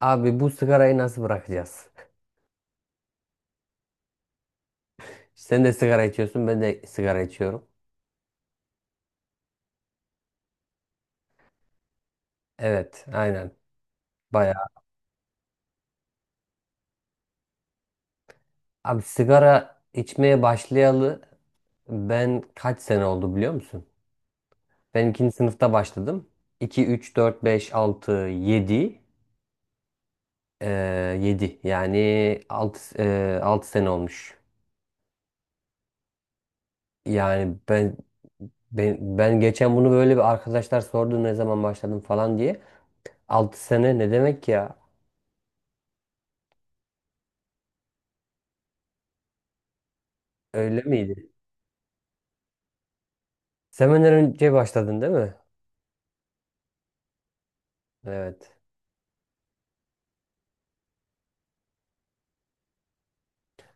Abi bu sigarayı nasıl bırakacağız? Sen de sigara içiyorsun, ben de sigara içiyorum. Evet, aynen. Bayağı. Abi sigara içmeye başlayalı ben kaç sene oldu biliyor musun? Ben ikinci sınıfta başladım. 2, 3, 4, 5, 6, 7, Ee, 7. Yani 6 sene olmuş. Yani ben ben geçen bunu böyle bir arkadaşlar sordu ne zaman başladım falan diye. Altı sene ne demek ya? Öyle miydi? Sevmeden önce başladın değil mi? Evet.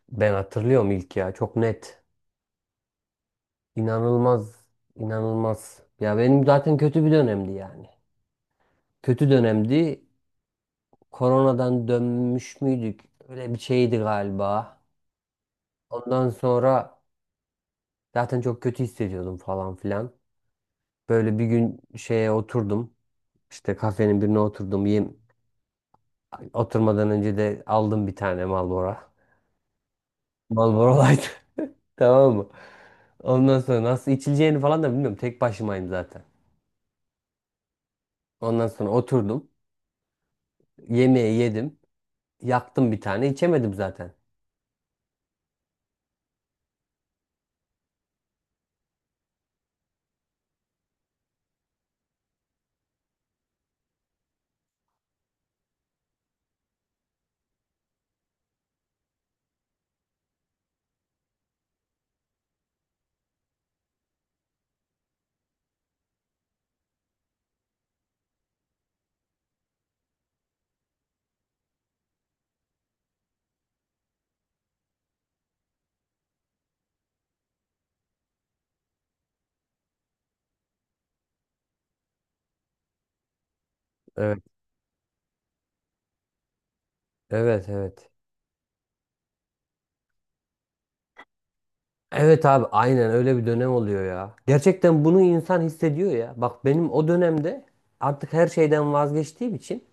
Ben hatırlıyorum ilk ya. Çok net. İnanılmaz. İnanılmaz. Ya benim zaten kötü bir dönemdi yani. Kötü dönemdi. Koronadan dönmüş müydük? Öyle bir şeydi galiba. Ondan sonra zaten çok kötü hissediyordum falan filan. Böyle bir gün şeye oturdum. İşte kafenin birine oturdum. Oturmadan önce de aldım bir tane Marlboro. Marlboro Light. Tamam mı? Ondan sonra nasıl içileceğini falan da bilmiyorum. Tek başımayım zaten. Ondan sonra oturdum. Yemeği yedim. Yaktım bir tane. İçemedim zaten. Evet. Evet evet. Evet abi aynen öyle bir dönem oluyor ya. Gerçekten bunu insan hissediyor ya. Bak benim o dönemde artık her şeyden vazgeçtiğim için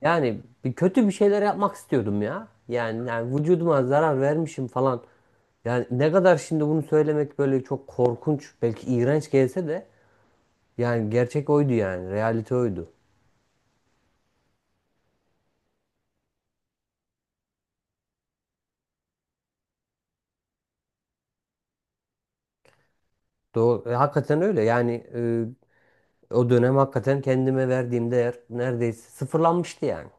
yani bir kötü bir şeyler yapmak istiyordum ya. Yani vücuduma zarar vermişim falan. Yani ne kadar şimdi bunu söylemek böyle çok korkunç belki iğrenç gelse de yani gerçek oydu yani. Realite oydu. Doğru. Hakikaten öyle. Yani o dönem hakikaten kendime verdiğim değer neredeyse sıfırlanmıştı yani.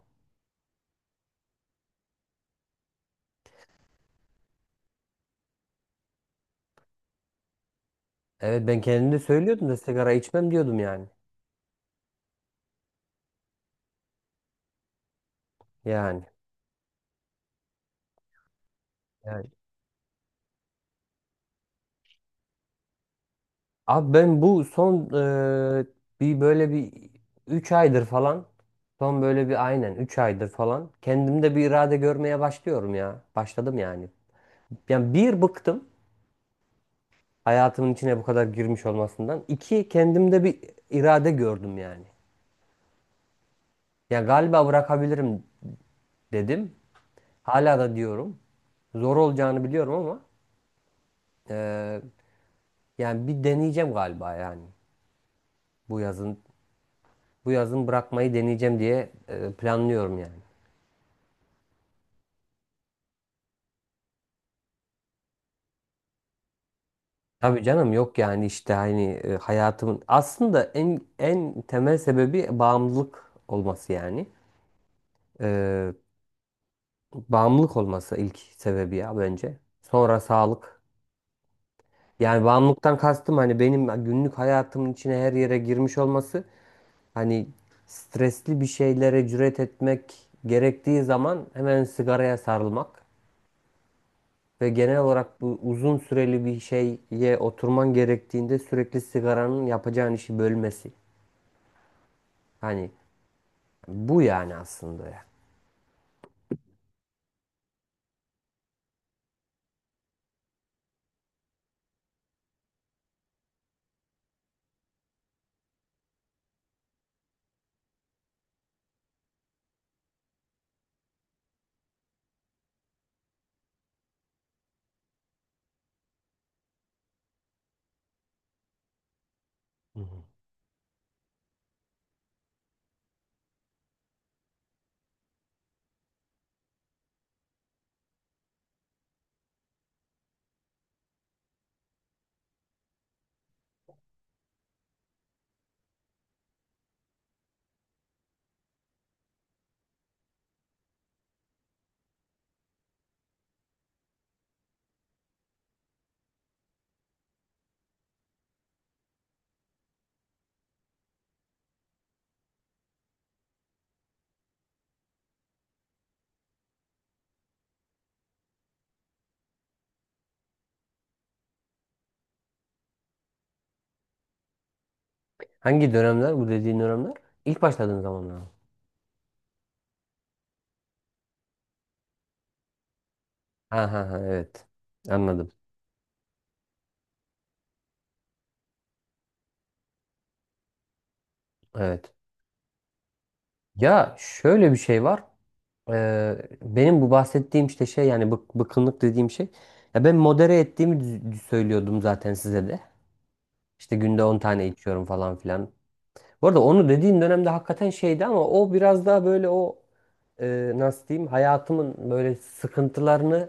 Evet ben kendim de söylüyordum da sigara içmem diyordum yani. Yani. Yani. Abi ben bu son e, bir böyle bir 3 aydır falan son böyle bir aynen 3 aydır falan kendimde bir irade görmeye başlıyorum ya. Başladım yani. Yani bir bıktım hayatımın içine bu kadar girmiş olmasından. İki kendimde bir irade gördüm yani. Ya galiba bırakabilirim dedim. Hala da diyorum. Zor olacağını biliyorum ama eee, yani bir deneyeceğim galiba yani. Bu yazın bu yazın bırakmayı deneyeceğim diye planlıyorum yani. Tabii canım yok yani işte hani hayatımın aslında en temel sebebi bağımlılık olması yani. Eee, bağımlılık olması ilk sebebi ya bence. Sonra sağlık. Yani bağımlılıktan kastım hani benim günlük hayatımın içine her yere girmiş olması. Hani stresli bir şeylere cüret etmek gerektiği zaman hemen sigaraya sarılmak ve genel olarak bu uzun süreli bir şeye oturman gerektiğinde sürekli sigaranın yapacağın işi bölmesi. Hani bu yani aslında ya. Hı hı. Hangi dönemler bu dediğin dönemler? İlk başladığın zamanlar mı? Ha ha ha evet. Anladım. Evet. Ya şöyle bir şey var. Benim bu bahsettiğim işte şey yani bıkkınlık dediğim şey. Ya ben modere ettiğimi söylüyordum zaten size de. İşte günde 10 tane içiyorum falan filan. Bu arada onu dediğin dönemde hakikaten şeydi ama o biraz daha böyle o nasıl diyeyim hayatımın böyle sıkıntılarını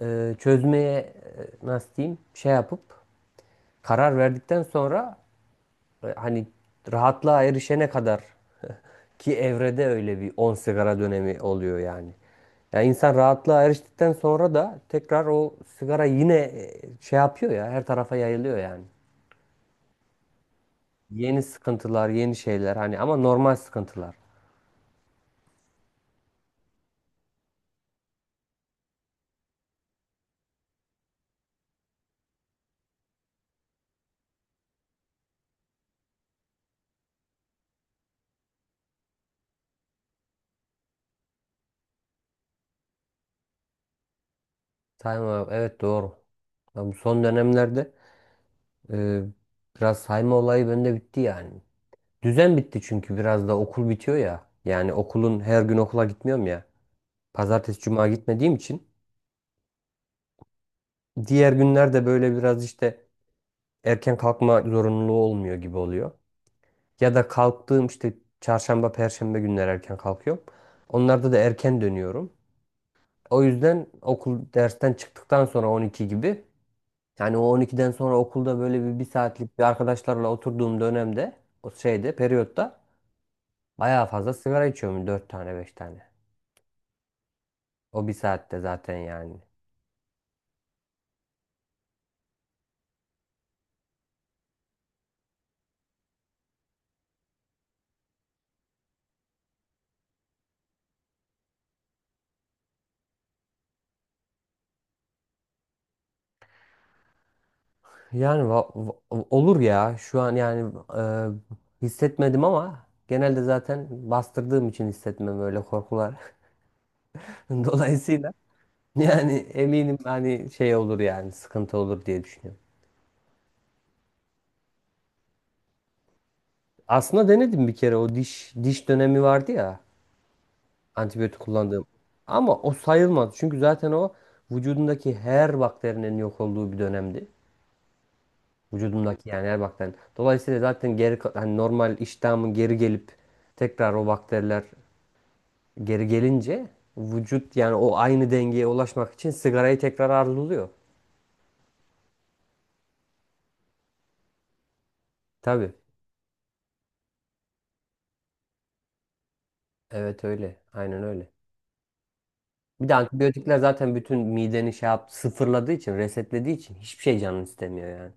çözmeye nasıl diyeyim şey yapıp karar verdikten sonra hani rahatlığa erişene kadar ki evrede öyle bir 10 sigara dönemi oluyor yani. Ya insan rahatlığa eriştikten sonra da tekrar o sigara yine şey yapıyor ya her tarafa yayılıyor yani. Yeni sıkıntılar, yeni şeyler hani ama normal sıkıntılar. Sayma evet doğru. Ya bu son dönemlerde e, biraz sayma olayı bende bitti yani. Düzen bitti çünkü biraz da okul bitiyor ya. Yani okulun her gün okula gitmiyorum ya. Pazartesi, cuma gitmediğim için diğer günlerde böyle biraz işte erken kalkma zorunluluğu olmuyor gibi oluyor. Ya da kalktığım işte çarşamba, perşembe günler erken kalkıyorum. Onlarda da erken dönüyorum. O yüzden okul dersten çıktıktan sonra 12 gibi yani o 12'den sonra okulda böyle bir saatlik bir arkadaşlarla oturduğum dönemde o şeyde periyotta bayağı fazla sigara içiyorum 4 tane 5 tane. O bir saatte zaten yani. Yani olur ya şu an yani hissetmedim ama genelde zaten bastırdığım için hissetmem öyle korkular. Dolayısıyla yani eminim hani şey olur yani sıkıntı olur diye düşünüyorum. Aslında denedim bir kere o diş dönemi vardı ya antibiyotik kullandığım. Ama o sayılmadı çünkü zaten o vücudumdaki her bakterinin yok olduğu bir dönemdi. Vücudumdaki yani her bakterinin. Dolayısıyla zaten hani normal iştahımın geri gelip tekrar o bakteriler geri gelince vücut yani o aynı dengeye ulaşmak için sigarayı tekrar arzuluyor. Tabii. Evet öyle. Aynen öyle. Bir de antibiyotikler zaten bütün mideni şey yap, sıfırladığı için, resetlediği için hiçbir şey canın istemiyor yani.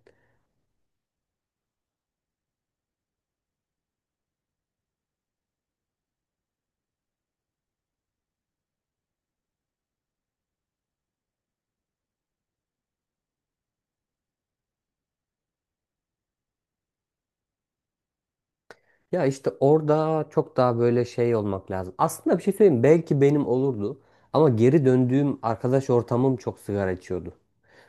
Ya işte orada çok daha böyle şey olmak lazım. Aslında bir şey söyleyeyim. Belki benim olurdu. Ama geri döndüğüm arkadaş ortamım çok sigara içiyordu.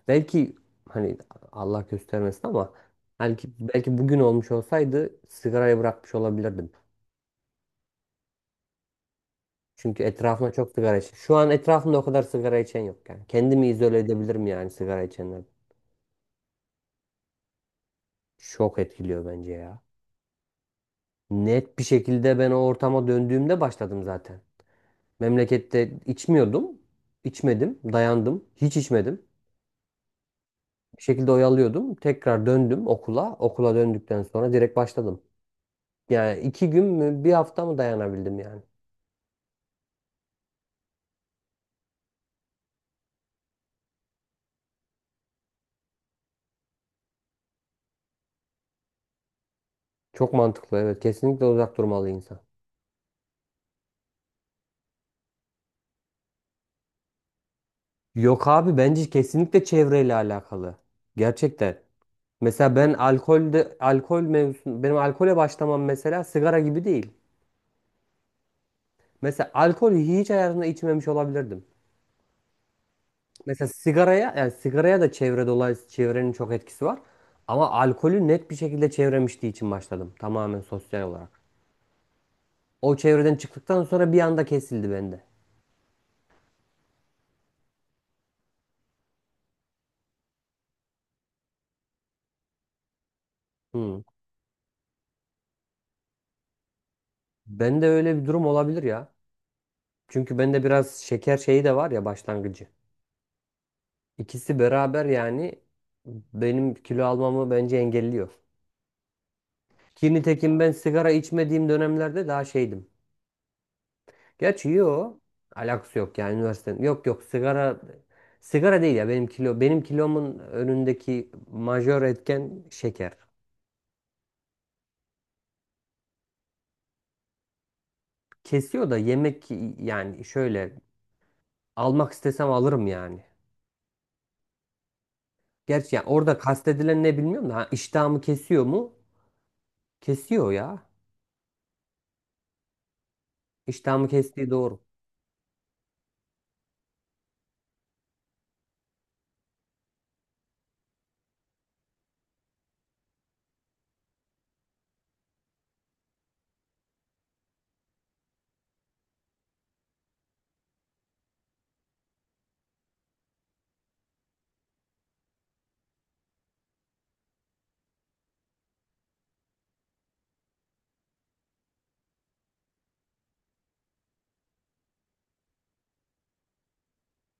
Belki hani Allah göstermesin ama belki, belki bugün olmuş olsaydı sigarayı bırakmış olabilirdim. Çünkü etrafına çok sigara içen. Şu an etrafımda o kadar sigara içen yok yani. Kendimi izole edebilirim yani sigara içenlerden. Çok etkiliyor bence ya. Net bir şekilde ben o ortama döndüğümde başladım zaten. Memlekette içmiyordum. İçmedim. Dayandım. Hiç içmedim. Bir şekilde oyalıyordum. Tekrar döndüm okula. Okula döndükten sonra direkt başladım. Yani iki gün mü bir hafta mı dayanabildim yani. Çok mantıklı evet. Kesinlikle uzak durmalı insan. Yok abi bence kesinlikle çevreyle alakalı. Gerçekten. Mesela ben alkolde alkol mevzusu benim alkole başlamam mesela sigara gibi değil. Mesela alkolü hiç hayatımda içmemiş olabilirdim. Mesela sigaraya yani sigaraya da çevre dolayısıyla çevrenin çok etkisi var. Ama alkolü net bir şekilde çevremiştiği için başladım tamamen sosyal olarak. O çevreden çıktıktan sonra bir anda kesildi bende. Hmm. Ben de öyle bir durum olabilir ya. Çünkü bende biraz şeker şeyi de var ya başlangıcı. İkisi beraber yani benim kilo almamı bence engelliyor. Ki nitekim ben sigara içmediğim dönemlerde daha şeydim. Gerçi yo alakası yok yani üniversitenin. Yok yok sigara değil ya benim kilomun önündeki majör etken şeker. Kesiyor da yemek yani şöyle almak istesem alırım yani. Gerçi yani orada kastedilen ne bilmiyorum da ha, iştahımı kesiyor mu? Kesiyor ya. İştahımı kestiği doğru.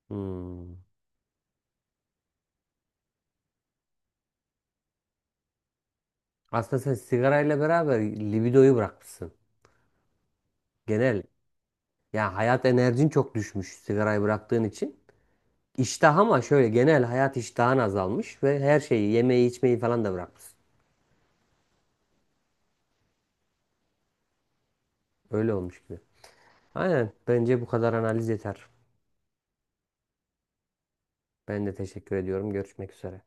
Hmm. Aslında sen sigarayla beraber libidoyu bırakmışsın. Genel ya hayat enerjin çok düşmüş sigarayı bıraktığın için. İştah ama şöyle genel hayat iştahın azalmış ve her şeyi yemeği içmeyi falan da bırakmışsın. Öyle olmuş gibi. Aynen bence bu kadar analiz yeter. Ben de teşekkür ediyorum. Görüşmek üzere.